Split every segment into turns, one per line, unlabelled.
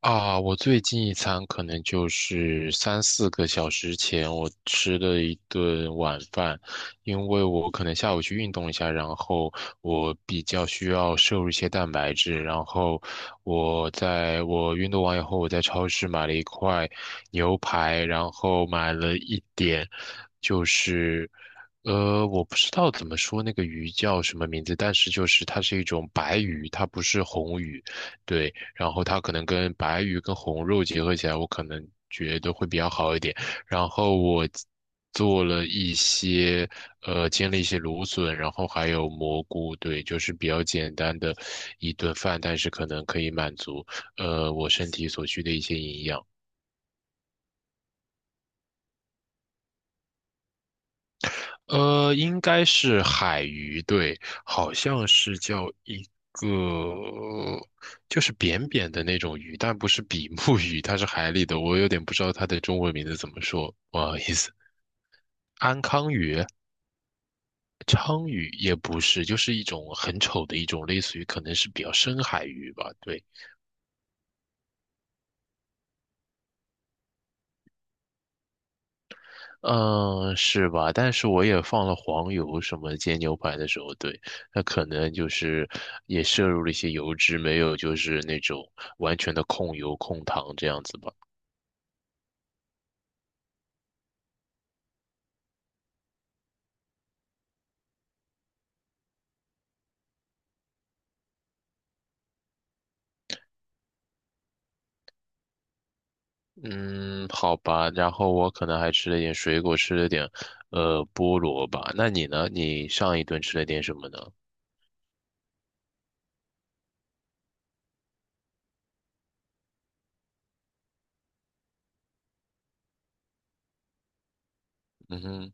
啊，我最近一餐可能就是三四个小时前，我吃的一顿晚饭，因为我可能下午去运动一下，然后我比较需要摄入一些蛋白质，然后我运动完以后，我在超市买了一块牛排，然后买了一点，就是。我不知道怎么说那个鱼叫什么名字，但是就是它是一种白鱼，它不是红鱼，对。然后它可能跟白鱼跟红肉结合起来，我可能觉得会比较好一点。然后我做了一些煎了一些芦笋，然后还有蘑菇，对，就是比较简单的一顿饭，但是可能可以满足我身体所需的一些营养。应该是海鱼，对，好像是叫一个，就是扁扁的那种鱼，但不是比目鱼，它是海里的，我有点不知道它的中文名字怎么说，不好意思。安康鱼、鲳鱼也不是，就是一种很丑的一种，类似于可能是比较深海鱼吧，对。嗯，是吧？但是我也放了黄油，什么煎牛排的时候，对，那可能就是也摄入了一些油脂，没有就是那种完全的控油控糖这样子吧。嗯，好吧。然后我可能还吃了点水果，吃了点菠萝吧。那你呢？你上一顿吃了点什么呢？嗯哼，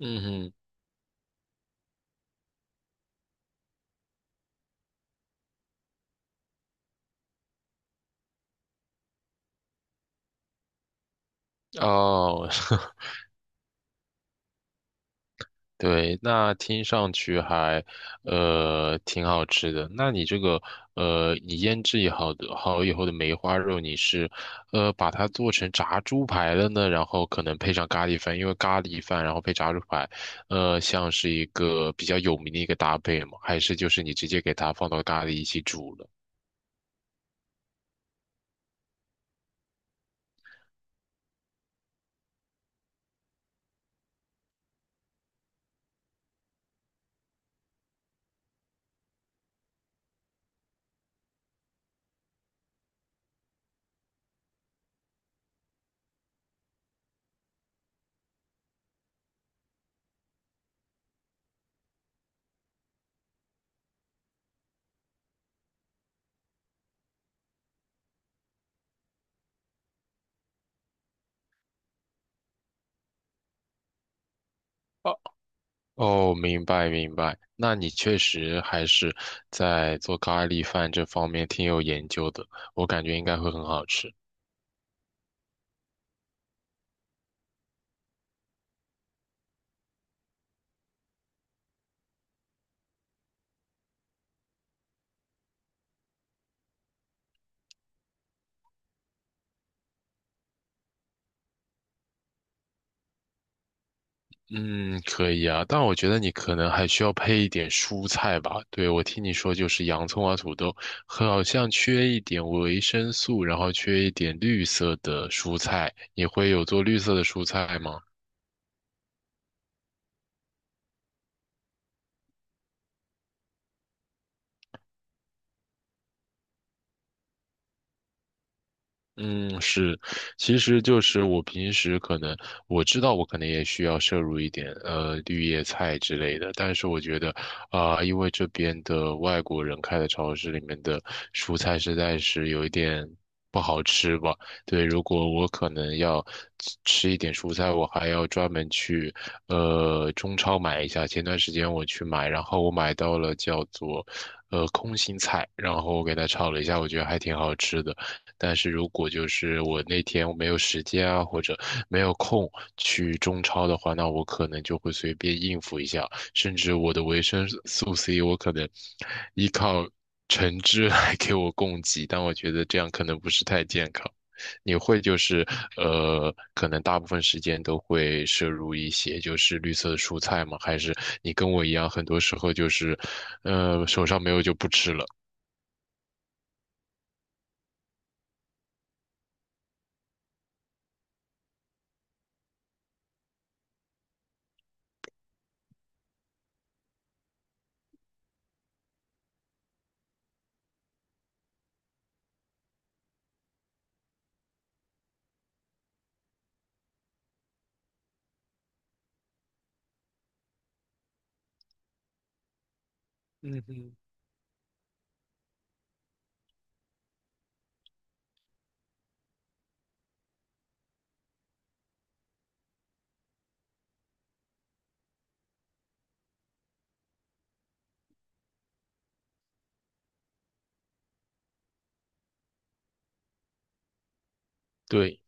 嗯哼，哦。对，那听上去还，挺好吃的。那你这个，你腌制也好的好以后的梅花肉，你是，把它做成炸猪排了呢，然后可能配上咖喱饭，因为咖喱饭然后配炸猪排，像是一个比较有名的一个搭配嘛，还是就是你直接给它放到咖喱一起煮了？哦，哦，明白，那你确实还是在做咖喱饭这方面挺有研究的，我感觉应该会很好吃。嗯，可以啊，但我觉得你可能还需要配一点蔬菜吧。对，我听你说就是洋葱啊、土豆，好像缺一点维生素，然后缺一点绿色的蔬菜。你会有做绿色的蔬菜吗？嗯，是，其实就是我平时可能我知道我可能也需要摄入一点绿叶菜之类的，但是我觉得啊、因为这边的外国人开的超市里面的蔬菜实在是有一点不好吃吧。对，如果我可能要吃一点蔬菜，我还要专门去中超买一下。前段时间我去买，然后我买到了叫做空心菜，然后我给它炒了一下，我觉得还挺好吃的。但是如果就是我那天我没有时间啊，或者没有空去中超的话，那我可能就会随便应付一下，甚至我的维生素 C 我可能依靠橙汁来给我供给，但我觉得这样可能不是太健康。你会就是可能大部分时间都会摄入一些就是绿色的蔬菜吗？还是你跟我一样，很多时候就是，手上没有就不吃了？对，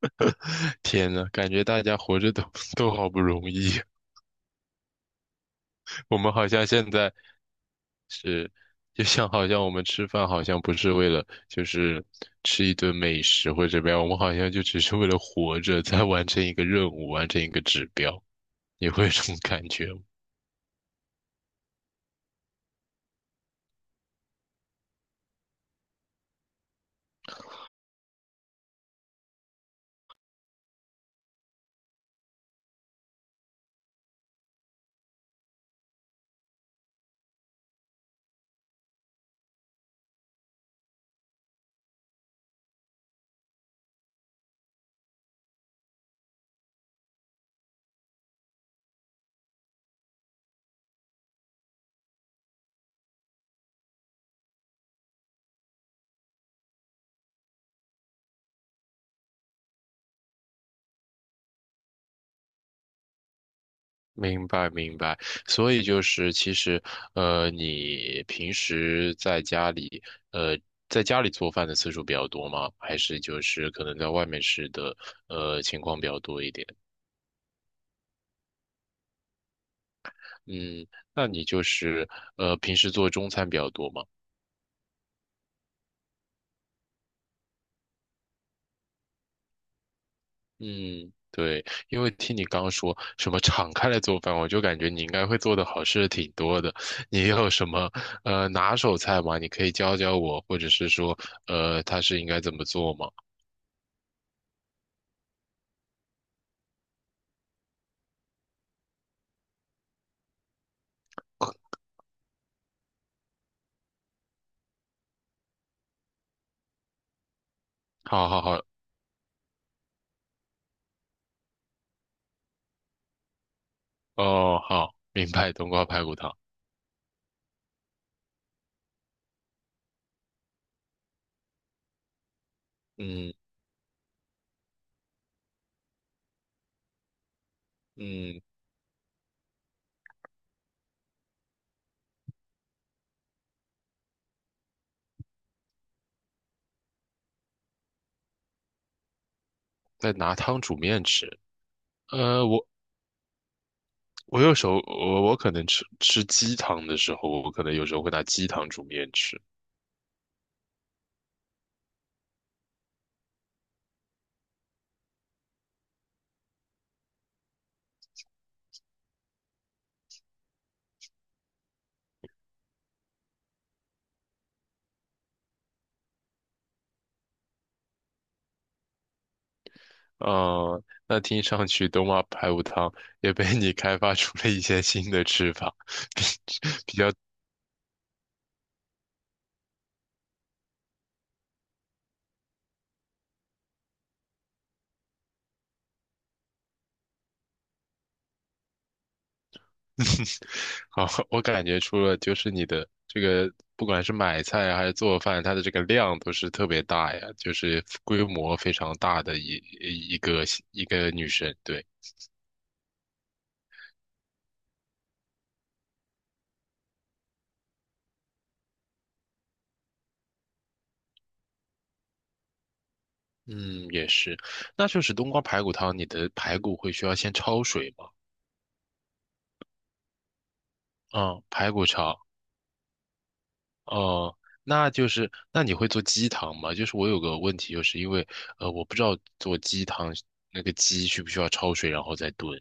天呐，感觉大家活着都 都好不容易，我们好像现在是，就像好像我们吃饭好像不是为了就是吃一顿美食或者怎么样，我们好像就只是为了活着，在完成一个任务，完成一个指标，你会有这种感觉吗？明白，所以就是其实，你平时在家里，呃，在家里做饭的次数比较多吗？还是就是可能在外面吃的，情况比较多一点？嗯，那你就是平时做中餐比较多吗？嗯，对，因为听你刚刚说什么敞开来做饭，我就感觉你应该会做的好吃的挺多的。你有什么拿手菜吗？你可以教我，或者是说，它是应该怎么做吗？好好好，哦，好，明白，冬瓜排骨汤。嗯嗯，再拿汤煮面吃。呃，我我有时候我可能吃鸡汤的时候，我可能有时候会拿鸡汤煮面吃。那听上去冬瓜排骨汤也被你开发出了一些新的吃法，比比较 好，我感觉出了，就是你的这个，不管是买菜啊还是做饭，它的这个量都是特别大呀，就是规模非常大的一个一个女生。对，嗯，也是。那就是冬瓜排骨汤，你的排骨会需要先焯水吗？嗯，排骨焯。哦、那就是那你会做鸡汤吗？就是我有个问题，就是因为我不知道做鸡汤那个鸡需不需要焯水然后再炖。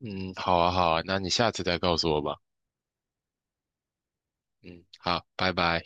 嗯，好啊，好啊，那你下次再告诉我吧。嗯，好，拜拜。